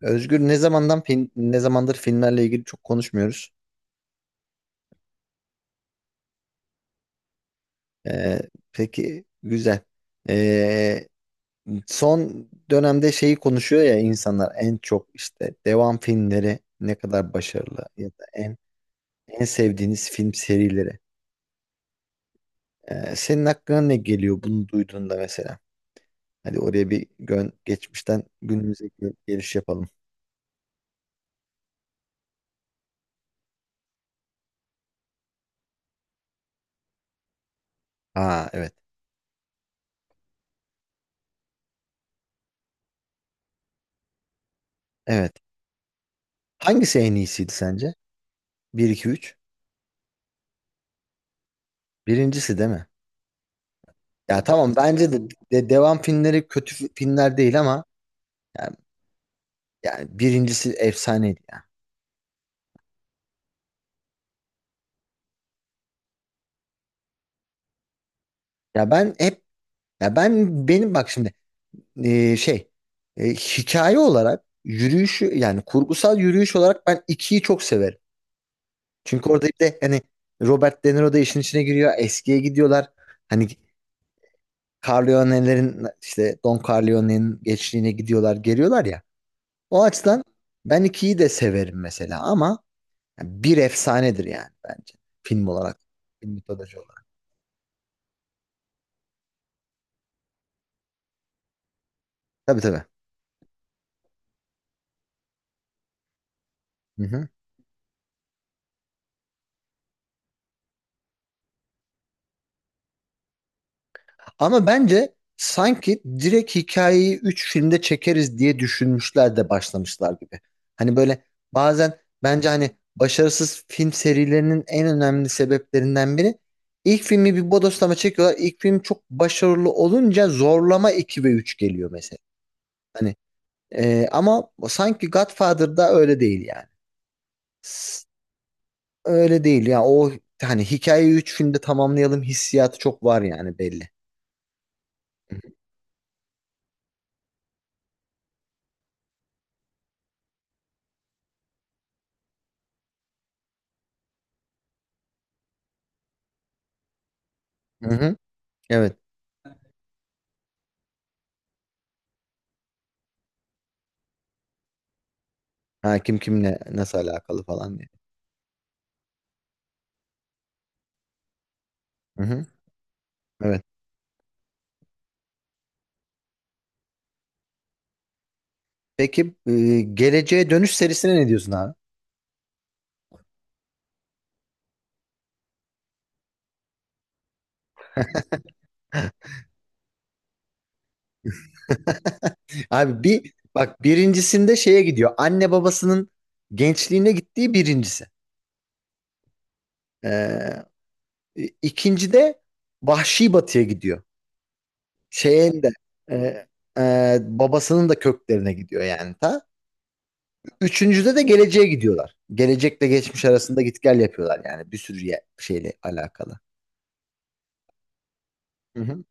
Özgür ne zamandır filmlerle ilgili çok konuşmuyoruz. Ee, peki güzel. Ee, Son dönemde şeyi konuşuyor ya insanlar en çok işte devam filmleri ne kadar başarılı ya da en sevdiğiniz film serileri. Senin aklına ne geliyor bunu duyduğunda mesela? Hadi oraya bir gön geçmişten günümüze geliş yapalım. Aa, evet. Evet. Hangisi en iyisiydi sence? Bir 2 3. Birincisi değil mi? Ya tamam, bence de, devam filmleri kötü filmler değil ama yani, yani birincisi efsaneydi ya. Ya ben hep ya ben benim bak şimdi, şey, hikaye olarak yürüyüşü, yani kurgusal yürüyüş olarak ben ikiyi çok severim. Çünkü orada bir de hani Robert De Niro da işin içine giriyor. Eskiye gidiyorlar. Hani Corleone'lerin, işte Don Corleone'nin gençliğine gidiyorlar, geliyorlar ya. O açıdan ben ikiyi de severim mesela ama yani bir efsanedir yani bence. Film olarak. Film mitoloji olarak. Tabii tabii. Hı hı. Ama bence sanki direkt hikayeyi 3 filmde çekeriz diye düşünmüşler de başlamışlar gibi. Hani böyle bazen bence hani başarısız film serilerinin en önemli sebeplerinden biri, ilk filmi bir bodoslama çekiyorlar. İlk film çok başarılı olunca zorlama 2 ve 3 geliyor mesela. Hani ama sanki Godfather'da öyle değil yani. Öyle değil ya. O hani hikayeyi 3 filmde tamamlayalım hissiyatı çok var yani, belli. Hı hı. Hı hı. Evet. Ha, kim kimle nasıl alakalı falan diye. Hı hı. Evet. Peki geleceğe dönüş serisine ne diyorsun abi? Abi bir bak, birincisinde şeye gidiyor. Anne babasının gençliğine gittiği birincisi. Ee, ikinci de Vahşi Batı'ya gidiyor. Şeyin de e, babasının da köklerine gidiyor yani ta. Üçüncüde de geleceğe gidiyorlar. Gelecekle geçmiş arasında git gel yapıyorlar yani, bir sürü şeyle alakalı. Hı hı.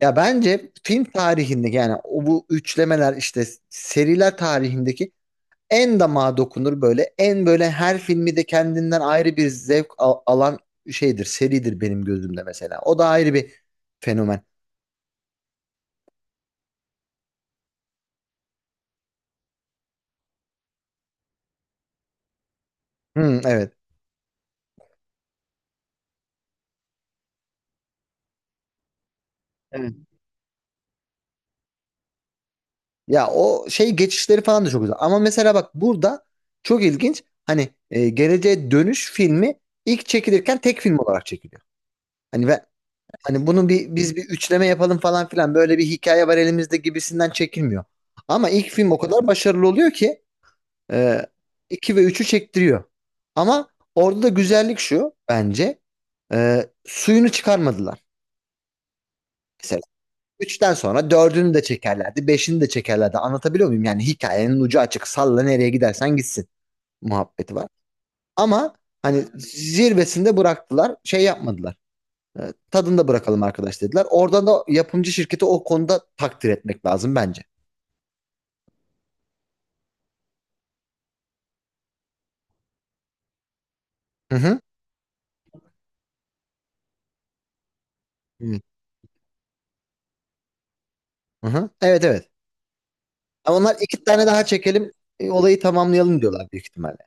Ya bence film tarihinde, yani o bu üçlemeler, işte seriler tarihindeki en damağa dokunur böyle. En böyle her filmi de kendinden ayrı bir zevk alan şeydir, seridir benim gözümde mesela. O da ayrı bir fenomen. Hmm, evet. Evet. Ya o şey geçişleri falan da çok güzel. Ama mesela bak, burada çok ilginç. Hani Geleceğe Dönüş filmi ilk çekilirken tek film olarak çekiliyor. Hani ve hani bunu biz bir üçleme yapalım falan filan, böyle bir hikaye var elimizde gibisinden çekilmiyor. Ama ilk film o kadar başarılı oluyor ki Ee, 2 ve üçü çektiriyor. Ama orada da güzellik şu bence. Suyunu çıkarmadılar. Mesela 3'ten sonra dördünü de çekerlerdi, beşini de çekerlerdi. Anlatabiliyor muyum? Yani hikayenin ucu açık. Salla nereye gidersen gitsin muhabbeti var. Ama hani zirvesinde bıraktılar. Şey yapmadılar. Tadında bırakalım arkadaş dediler. Oradan da yapımcı şirketi o konuda takdir etmek lazım bence. Hı hı. Hı hı. Evet evet. Ama onlar iki tane daha çekelim, olayı tamamlayalım diyorlar büyük ihtimalle.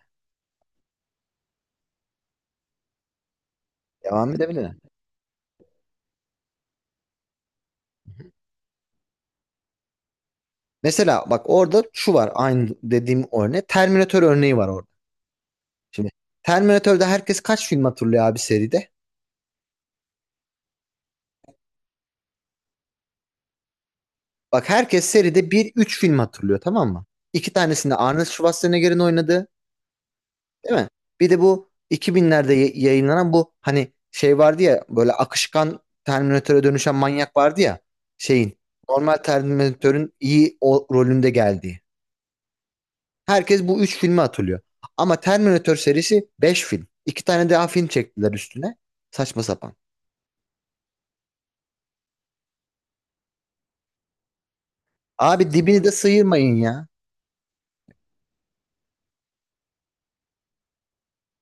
Devam edebilir. Mesela bak, orada şu var, aynı dediğim örneği. Terminator örneği var orada. Şimdi Terminator'da herkes kaç film hatırlıyor abi seride? Bak herkes seride üç film hatırlıyor, tamam mı? İki tanesinde Arnold Schwarzenegger'in oynadığı, değil mi? Bir de bu 2000'lerde yayınlanan bu hani şey vardı ya, böyle akışkan Terminator'a dönüşen manyak vardı ya, şeyin normal Terminator'ın iyi o rolünde geldiği. Herkes bu üç filmi hatırlıyor. Ama Terminator serisi 5 film. İki tane daha film çektiler üstüne. Saçma sapan. Abi dibini de sıyırmayın ya.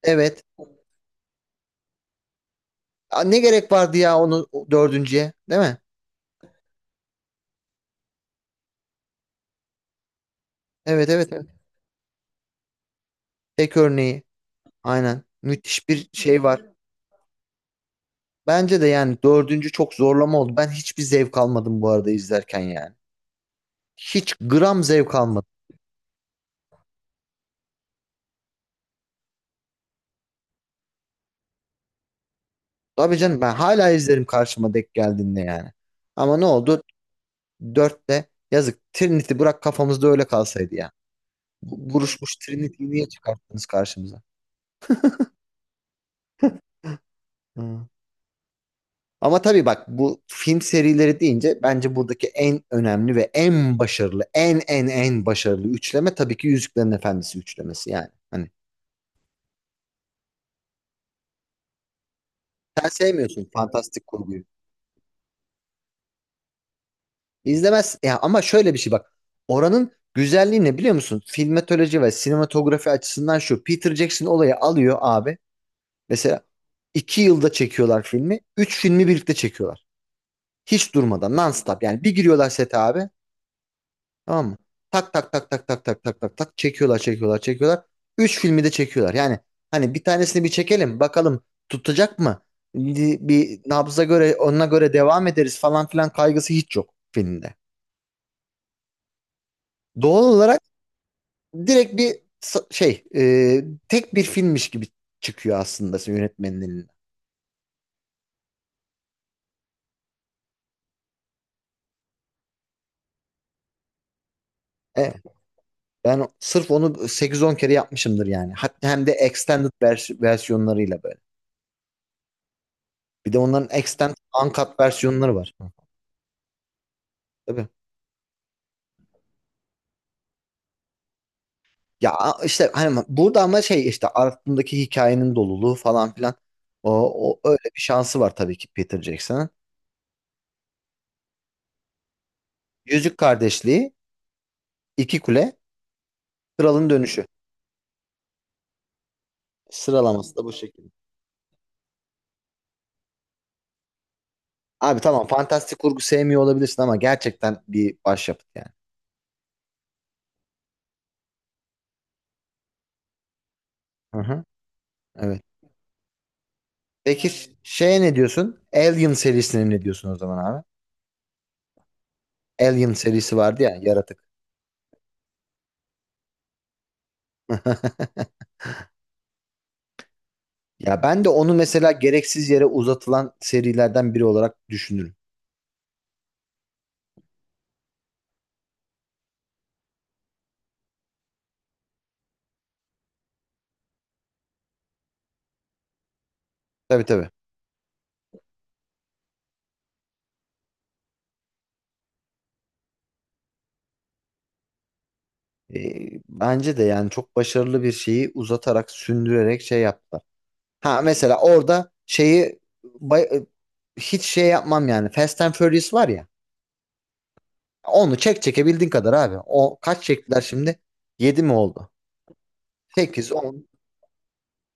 Evet. Aa, ne gerek vardı ya onu, o dördüncüye, değil mi? Evet evet evet. Tek örneği. Aynen. Müthiş bir şey var. Bence de yani dördüncü çok zorlama oldu. Ben hiçbir zevk almadım bu arada izlerken yani. Hiç gram zevk almadım. Tabii canım, ben hala izlerim karşıma denk geldiğinde yani. Ama ne oldu? Dörtte, yazık. Trinity bırak kafamızda öyle kalsaydı ya. Buruşmuş Trinity'yi niye çıkarttınız karşımıza? Hı. Ama tabii bak, bu film serileri deyince bence buradaki en önemli ve en başarılı, en başarılı üçleme tabii ki Yüzüklerin Efendisi üçlemesi yani. Hani sen sevmiyorsun fantastik kurguyu. İzlemez ya ama şöyle bir şey bak. Oranın güzelliği ne biliyor musun? Filmatoloji ve sinematografi açısından şu: Peter Jackson olayı alıyor abi. Mesela iki yılda çekiyorlar filmi. Üç filmi birlikte çekiyorlar. Hiç durmadan non-stop. Yani bir giriyorlar sete abi. Tamam mı? Tak tak tak tak tak tak tak tak tak çekiyorlar çekiyorlar çekiyorlar. Üç filmi de çekiyorlar. Yani hani bir tanesini bir çekelim bakalım, tutacak mı? Bir bir Nabza göre ona göre devam ederiz falan filan kaygısı hiç yok filmde. Doğal olarak direkt şey, tek bir filmmiş gibi çıkıyor aslında yönetmenin elinden. E, Ben sırf onu sekiz on kere yapmışımdır yani. Hatta hem de extended versiyonlarıyla böyle. Bir de onların extended uncut versiyonları var. Hı. Tabii. Ya işte hani burada ama şey işte aklındaki hikayenin doluluğu falan filan. O, O öyle bir şansı var tabii ki Peter Jackson'ın. Yüzük Kardeşliği, İki Kule, Kralın Dönüşü. Sıralaması da bu şekilde. Abi tamam, fantastik kurgu sevmiyor olabilirsin ama gerçekten bir başyapıt yani. Hı hı. Evet. Peki şeye ne diyorsun? Alien serisine ne diyorsun o zaman abi? Alien serisi vardı ya, yaratık. Ya ben de onu mesela gereksiz yere uzatılan serilerden biri olarak düşünürüm. Tabii tabii. Bence de yani çok başarılı bir şeyi uzatarak, sündürerek şey yaptılar. Ha mesela orada şeyi hiç şey yapmam yani. Fast and Furious var ya. Onu çekebildiğin kadar abi. O kaç çektiler şimdi? 7 mi oldu? 8, 10.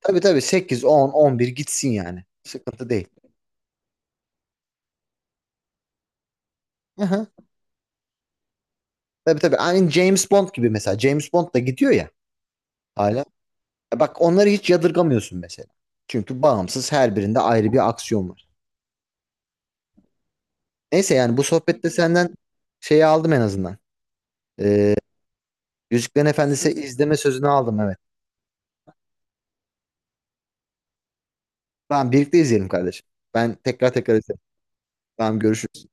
Tabii tabii, sekiz, on bir gitsin yani. Sıkıntı değil. Tabii tabii. Aynı James Bond gibi mesela. James Bond da gidiyor ya hala. E bak, onları hiç yadırgamıyorsun mesela. Çünkü bağımsız, her birinde ayrı bir aksiyon var. Neyse yani bu sohbette senden şeyi aldım en azından. Ee, Yüzüklerin Efendisi izleme sözünü aldım, evet. Tamam, birlikte izleyelim kardeşim. Ben tekrar tekrar izlerim. Tamam, görüşürüz.